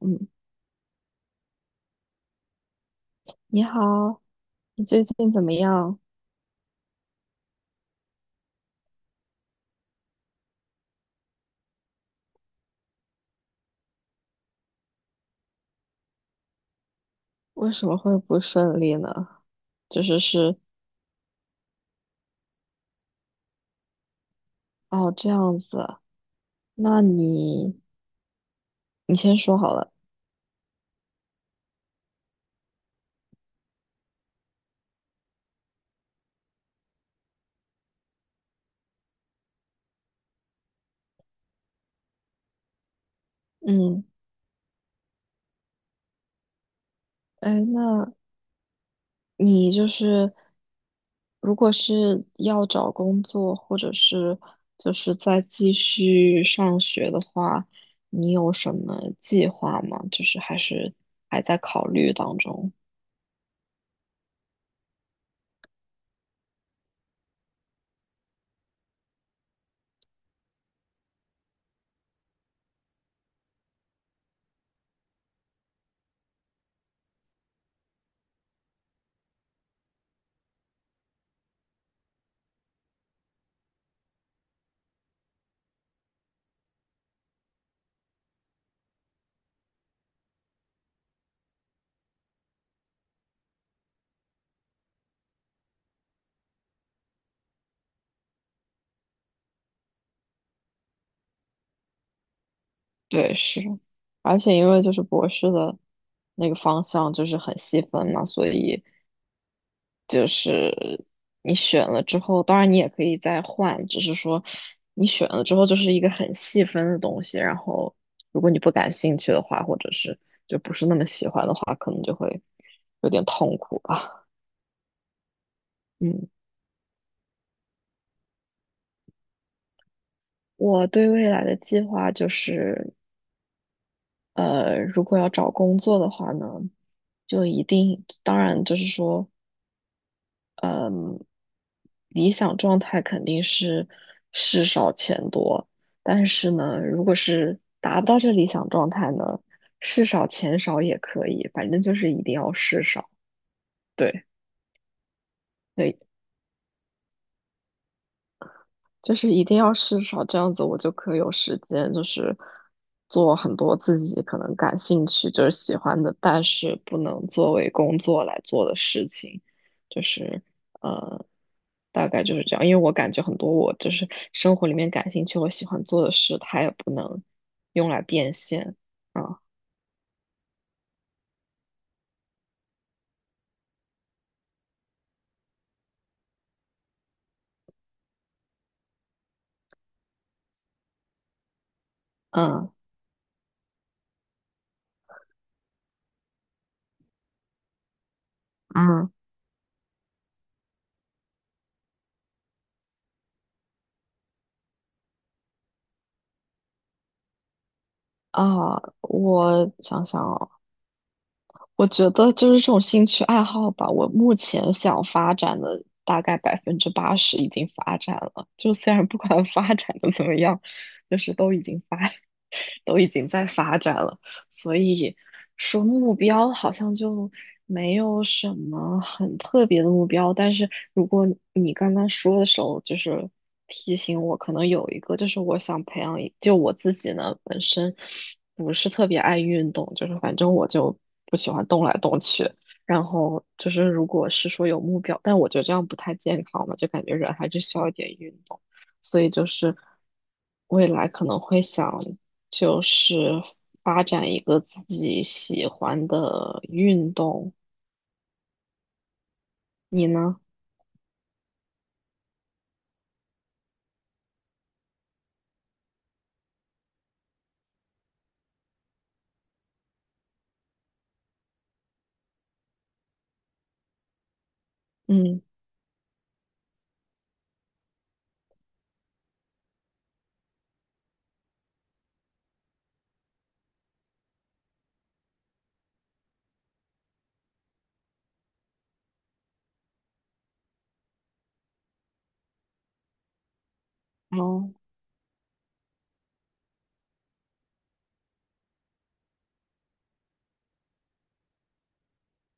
嗯，你好，你最近怎么样？为什么会不顺利呢？就是是哦，这样子啊。那你先说好了。嗯，哎，那你如果是要找工作，或者是再继续上学的话，你有什么计划吗？就是还是还在考虑当中。对，是，而且因为就是博士的那个方向就是很细分嘛，所以就是你选了之后，当然你也可以再换，只是说你选了之后就是一个很细分的东西，然后如果你不感兴趣的话，或者是就不是那么喜欢的话，可能就会有点痛苦吧。嗯，我对未来的计划就是，如果要找工作的话呢，就一定，当然就是说。理想状态肯定是事少钱多，但是呢，如果是达不到这理想状态呢，事少钱少也可以，反正就是一定要事少。对，对。就是一定要试少，这样子我就可以有时间，就是做很多自己可能感兴趣，就是喜欢的，但是不能作为工作来做的事情，就是呃，大概就是这样。因为我感觉很多我就是生活里面感兴趣，我喜欢做的事，它也不能用来变现啊。嗯嗯。啊，我想想哦，我觉得就是这种兴趣爱好吧，我目前想发展的大概百分之八十已经发展了，就虽然不管 发展的怎么样，就是都已经发，都已经在发展了。所以说目标好像就没有什么很特别的目标。但是如果你刚刚说的时候，就是提醒我，可能有一个就是我想培养一，就我自己呢本身不是特别爱运动，就是反正我就不喜欢动来动去。然后就是，如果是说有目标，但我觉得这样不太健康嘛，就感觉人还是需要一点运动。所以就是未来可能会想就是发展一个自己喜欢的运动。你呢？嗯。哦。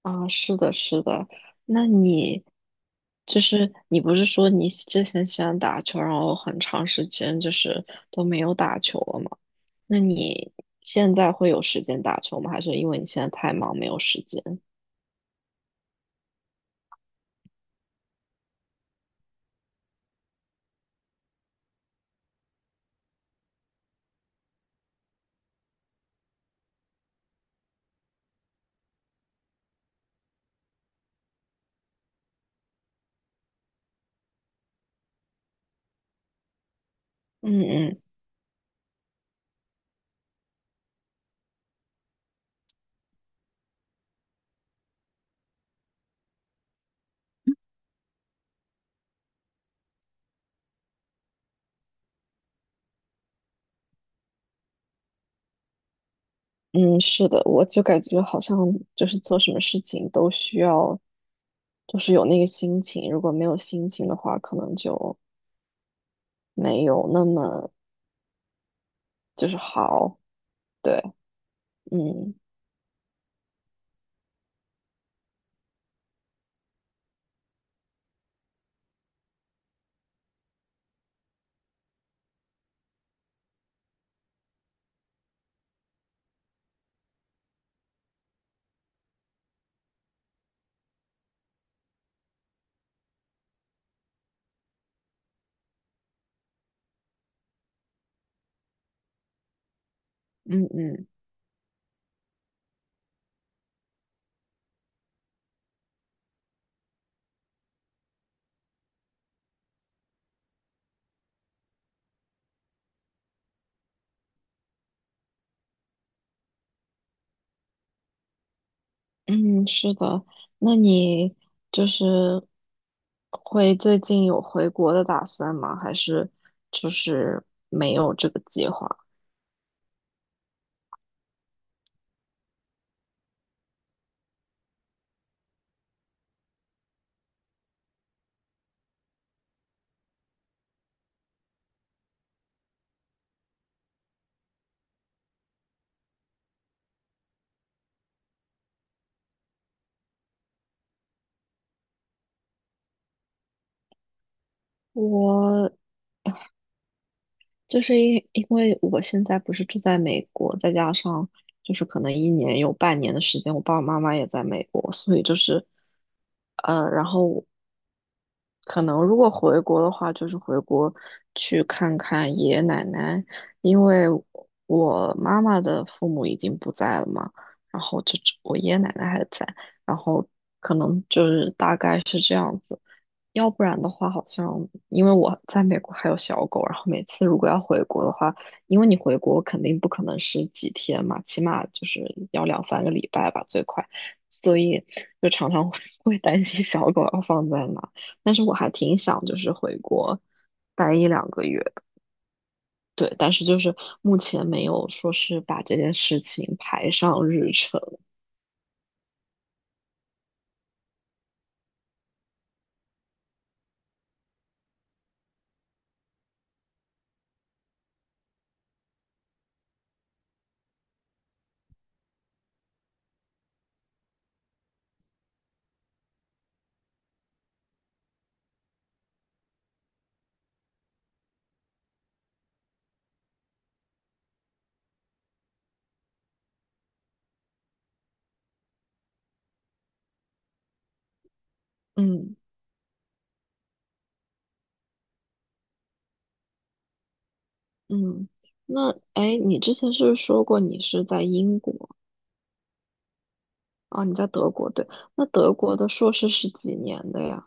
啊，是的，是的。那你你不是说你之前喜欢打球，然后很长时间就是都没有打球了吗？那你现在会有时间打球吗？还是因为你现在太忙没有时间？嗯嗯。嗯，是的，我就感觉好像就是做什么事情都需要，就是有那个心情。如果没有心情的话，可能就没有那么好。对。嗯嗯嗯。嗯，是的。那你就是会最近有回国的打算吗？还是就是没有这个计划？我因为我现在不是住在美国，再加上就是可能一年有半年的时间，我爸爸妈妈也在美国，所以就是，然后可能如果回国的话，就是回国去看看爷爷奶奶，因为我妈妈的父母已经不在了嘛，然后就只我爷爷奶奶还在，然后可能就是大概是这样子。要不然的话，好像因为我在美国还有小狗，然后每次如果要回国的话，因为你回国肯定不可能是几天嘛，起码就是要两三个礼拜吧，最快，所以就常常 会会担心小狗要放在哪。但是我还挺想就是回国待一两个月的，对，但是就是目前没有说是把这件事情排上日程。嗯嗯。那哎，你之前是不是说过你是在英国？啊？你在德国，对，那德国的硕士是几年的呀？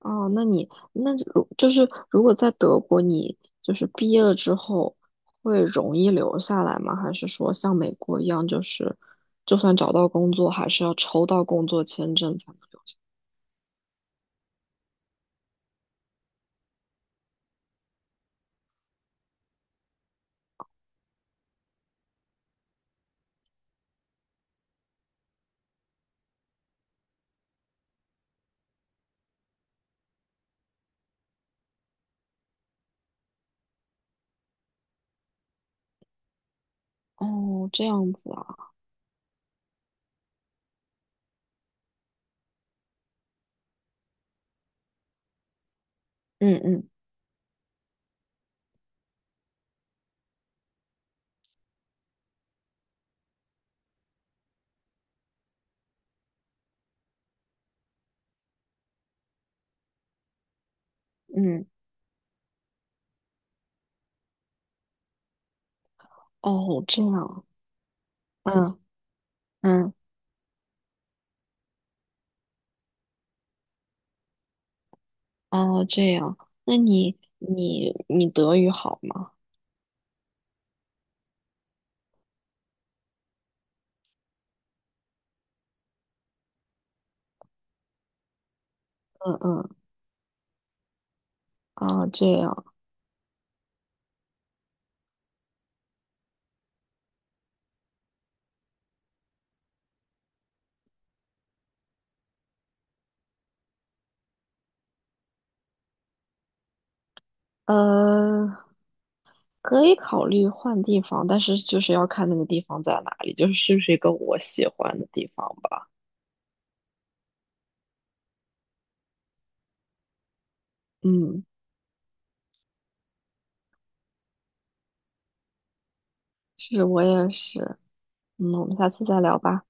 哦，那你就是如果在德国，你就是毕业了之后会容易留下来吗？还是说像美国一样，就是就算找到工作，还是要抽到工作签证才能留下？哦，这样子啊。嗯嗯嗯。哦，这样。嗯嗯。哦，这样，那你德语好吗？嗯嗯。啊，这样。呃，可以考虑换地方，但是就是要看那个地方在哪里，就是是不是一个我喜欢的地方吧。嗯，是我也是。嗯，我们下次再聊吧。